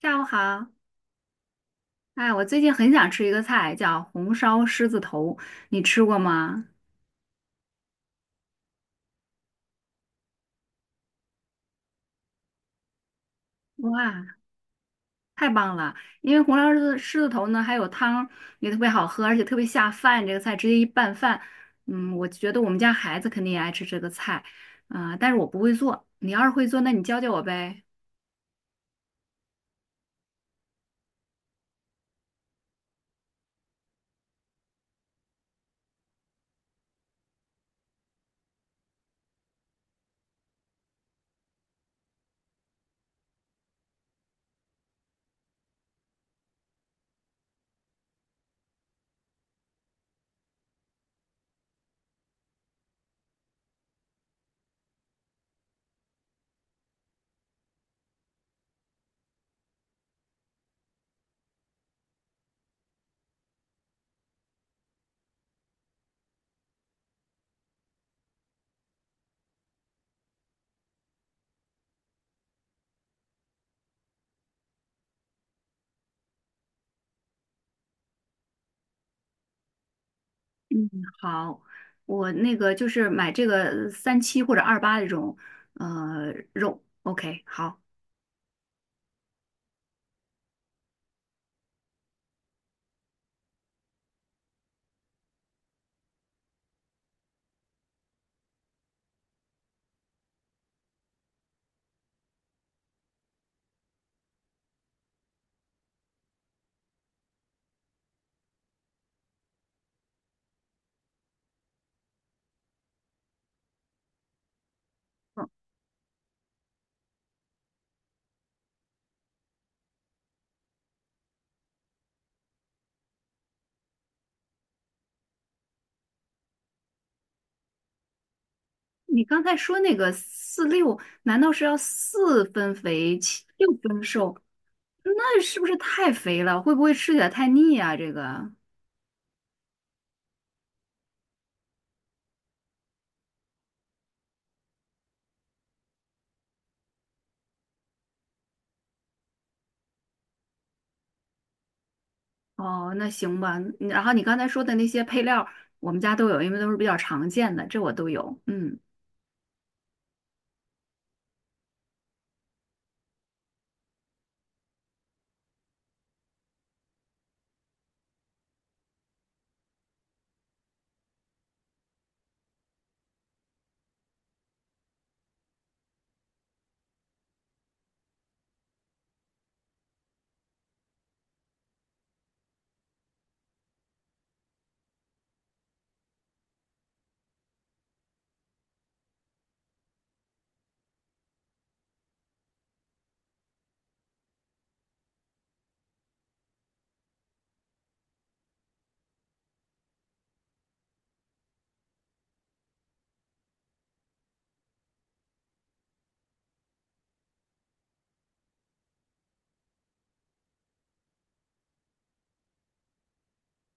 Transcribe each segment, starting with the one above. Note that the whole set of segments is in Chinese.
下午好，哎，我最近很想吃一个菜，叫红烧狮子头，你吃过吗？哇，太棒了！因为红烧狮子头呢，还有汤也特别好喝，而且特别下饭。这个菜直接一拌饭，嗯，我觉得我们家孩子肯定也爱吃这个菜，啊、但是我不会做，你要是会做，那你教教我呗。嗯，好，我那个就是买这个三七或者二八这种，肉，OK，好。你刚才说那个四六，难道是要四分肥七六分瘦？那是不是太肥了？会不会吃起来太腻啊？这个哦，那行吧。然后你刚才说的那些配料，我们家都有，因为都是比较常见的，这我都有。嗯。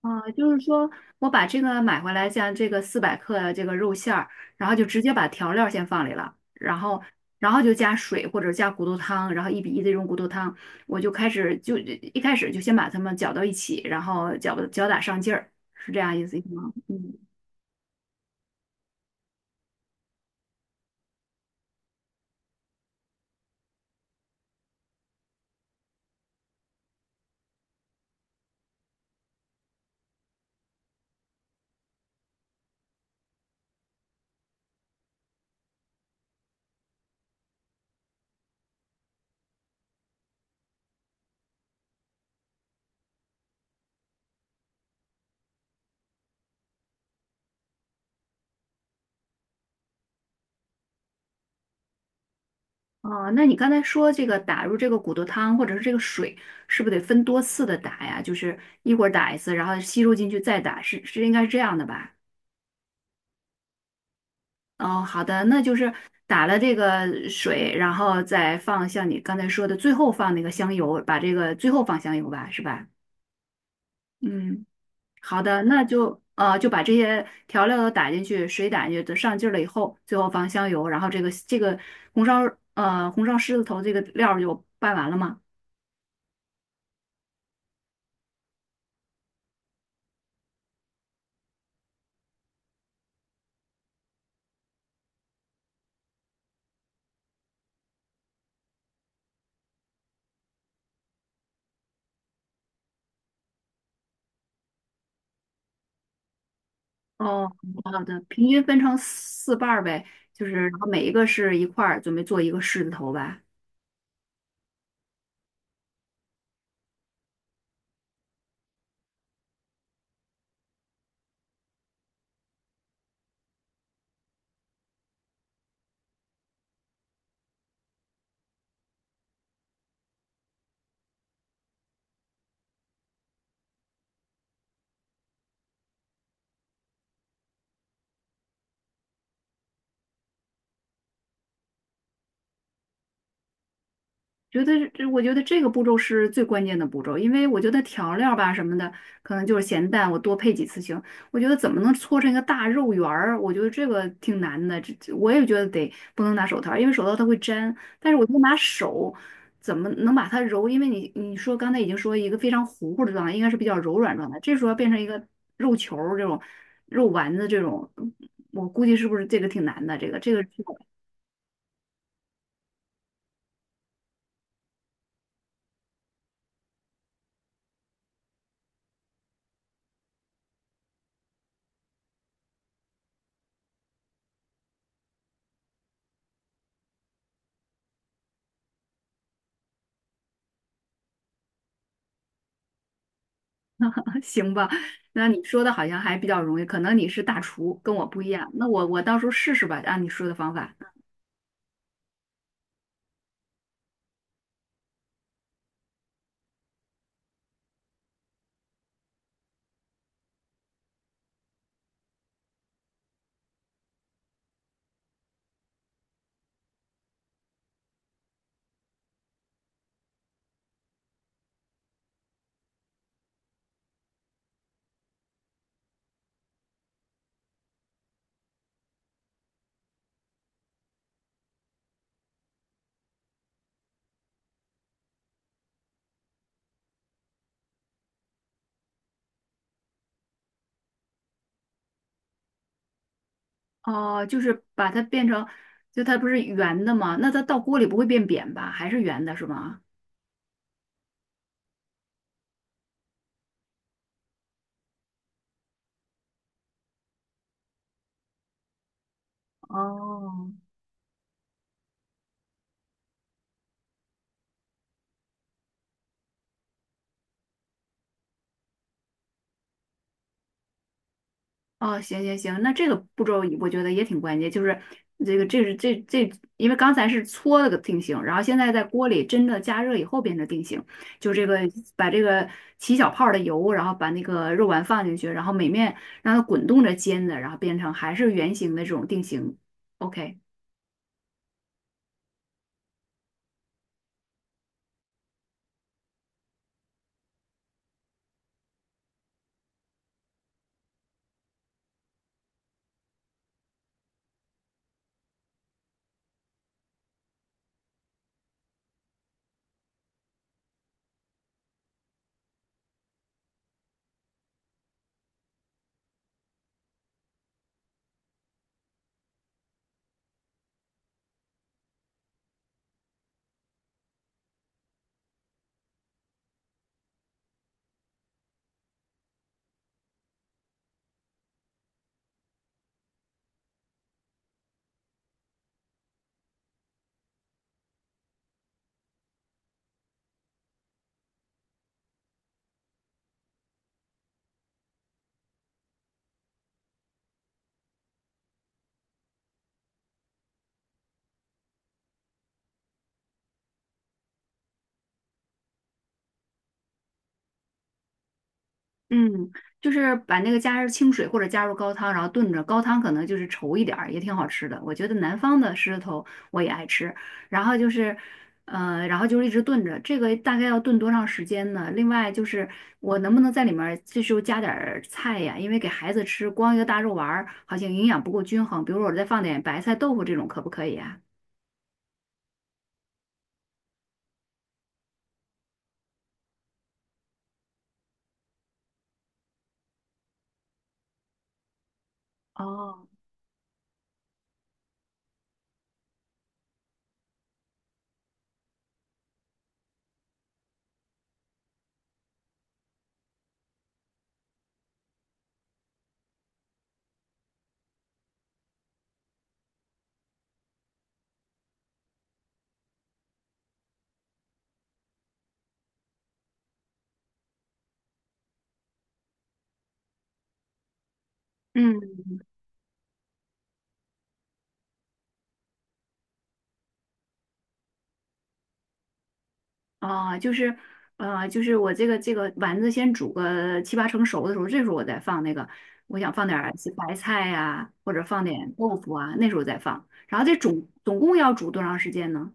啊，就是说我把这个买回来，像这个四百克的这个肉馅儿，然后就直接把调料先放里了，然后然后就加水或者加骨头汤，然后一比一的这种骨头汤，我就开始就一开始就先把它们搅到一起，然后搅搅打上劲儿，是这样意思吗？嗯，哦，那你刚才说这个打入这个骨头汤或者是这个水，是不是得分多次的打呀？就是一会儿打一次，然后吸收进去再打，是是应该是这样的吧？哦，好的，那就是打了这个水，然后再放像你刚才说的，最后放那个香油，把这个最后放香油吧，是吧？嗯，好的，那就就把这些调料都打进去，水打进去，等上劲儿了以后，最后放香油，然后这个红烧红烧狮子头这个料儿就拌完了吗？哦，好的，平均分成四瓣儿呗，就是然后每一个是一块儿，准备做一个狮子头吧。觉得这，我觉得这个步骤是最关键的步骤，因为我觉得调料吧什么的，可能就是咸淡，我多配几次行。我觉得怎么能搓成一个大肉圆儿，我觉得这个挺难的。这我也觉得得不能拿手套儿，因为手套它会粘。但是我就拿手，怎么能把它揉？因为你说刚才已经说一个非常糊糊的状态，应该是比较柔软状态，这时候要变成一个肉球儿这种肉丸子这种，我估计是不是这个挺难的？这个。行吧，那你说的好像还比较容易，可能你是大厨，跟我不一样。那我到时候试试吧，按你说的方法。哦、就是把它变成，就它不是圆的吗？那它到锅里不会变扁吧？还是圆的是吗？哦，哦，行行行，那这个步骤我觉得也挺关键，就是这，因为刚才是搓了个定型，然后现在在锅里真的加热以后变成定型，就这个把这个起小泡儿的油，然后把那个肉丸放进去，然后每面让它滚动着煎的，然后变成还是圆形的这种定型。OK。嗯，就是把那个加入清水或者加入高汤，然后炖着，高汤可能就是稠一点儿，也挺好吃的。我觉得南方的狮子头我也爱吃，然后就是，然后就是一直炖着，这个大概要炖多长时间呢？另外就是我能不能在里面儿这时候加点儿菜呀？因为给孩子吃光一个大肉丸儿好像营养不够均衡，比如我再放点白菜、豆腐这种可不可以啊？哦，嗯，啊，就是，就是我这个这个丸子先煮个七八成熟的时候，这时候我再放那个，我想放点儿西白菜呀、或者放点豆腐啊，那时候再放。然后这总共要煮多长时间呢？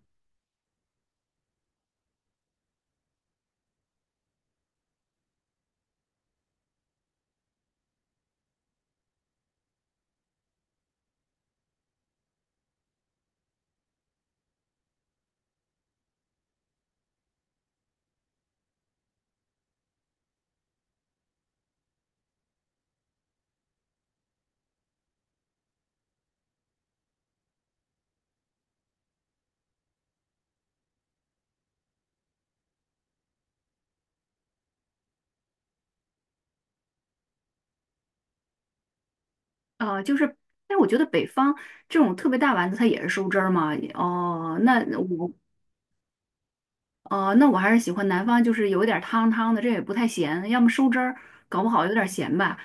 呃，就是，但我觉得北方这种特别大丸子它也是收汁儿嘛。哦，那我哦，那我还是喜欢南方，就是有点儿汤汤的，这也不太咸，要么收汁儿，搞不好有点儿咸吧。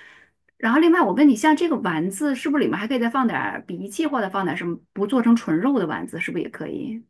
然后另外，我问你，像这个丸子，是不是里面还可以再放点儿荸荠，或者放点儿什么，不做成纯肉的丸子，是不是也可以？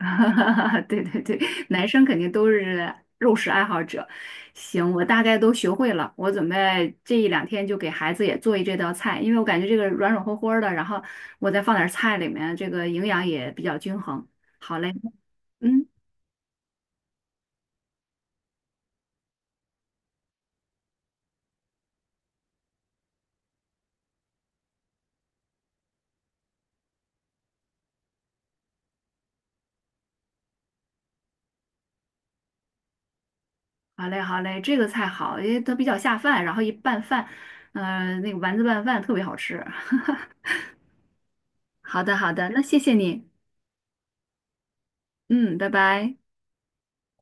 对对对，男生肯定都是肉食爱好者。行，我大概都学会了，我准备这一两天就给孩子也做一这道菜，因为我感觉这个软软和和儿的，然后我再放点儿菜里面，这个营养也比较均衡。好嘞，嗯。好嘞，好嘞，这个菜好，因为它比较下饭，然后一拌饭，嗯，那个丸子拌饭特别好吃。好的，好的，那谢谢你，嗯，拜拜。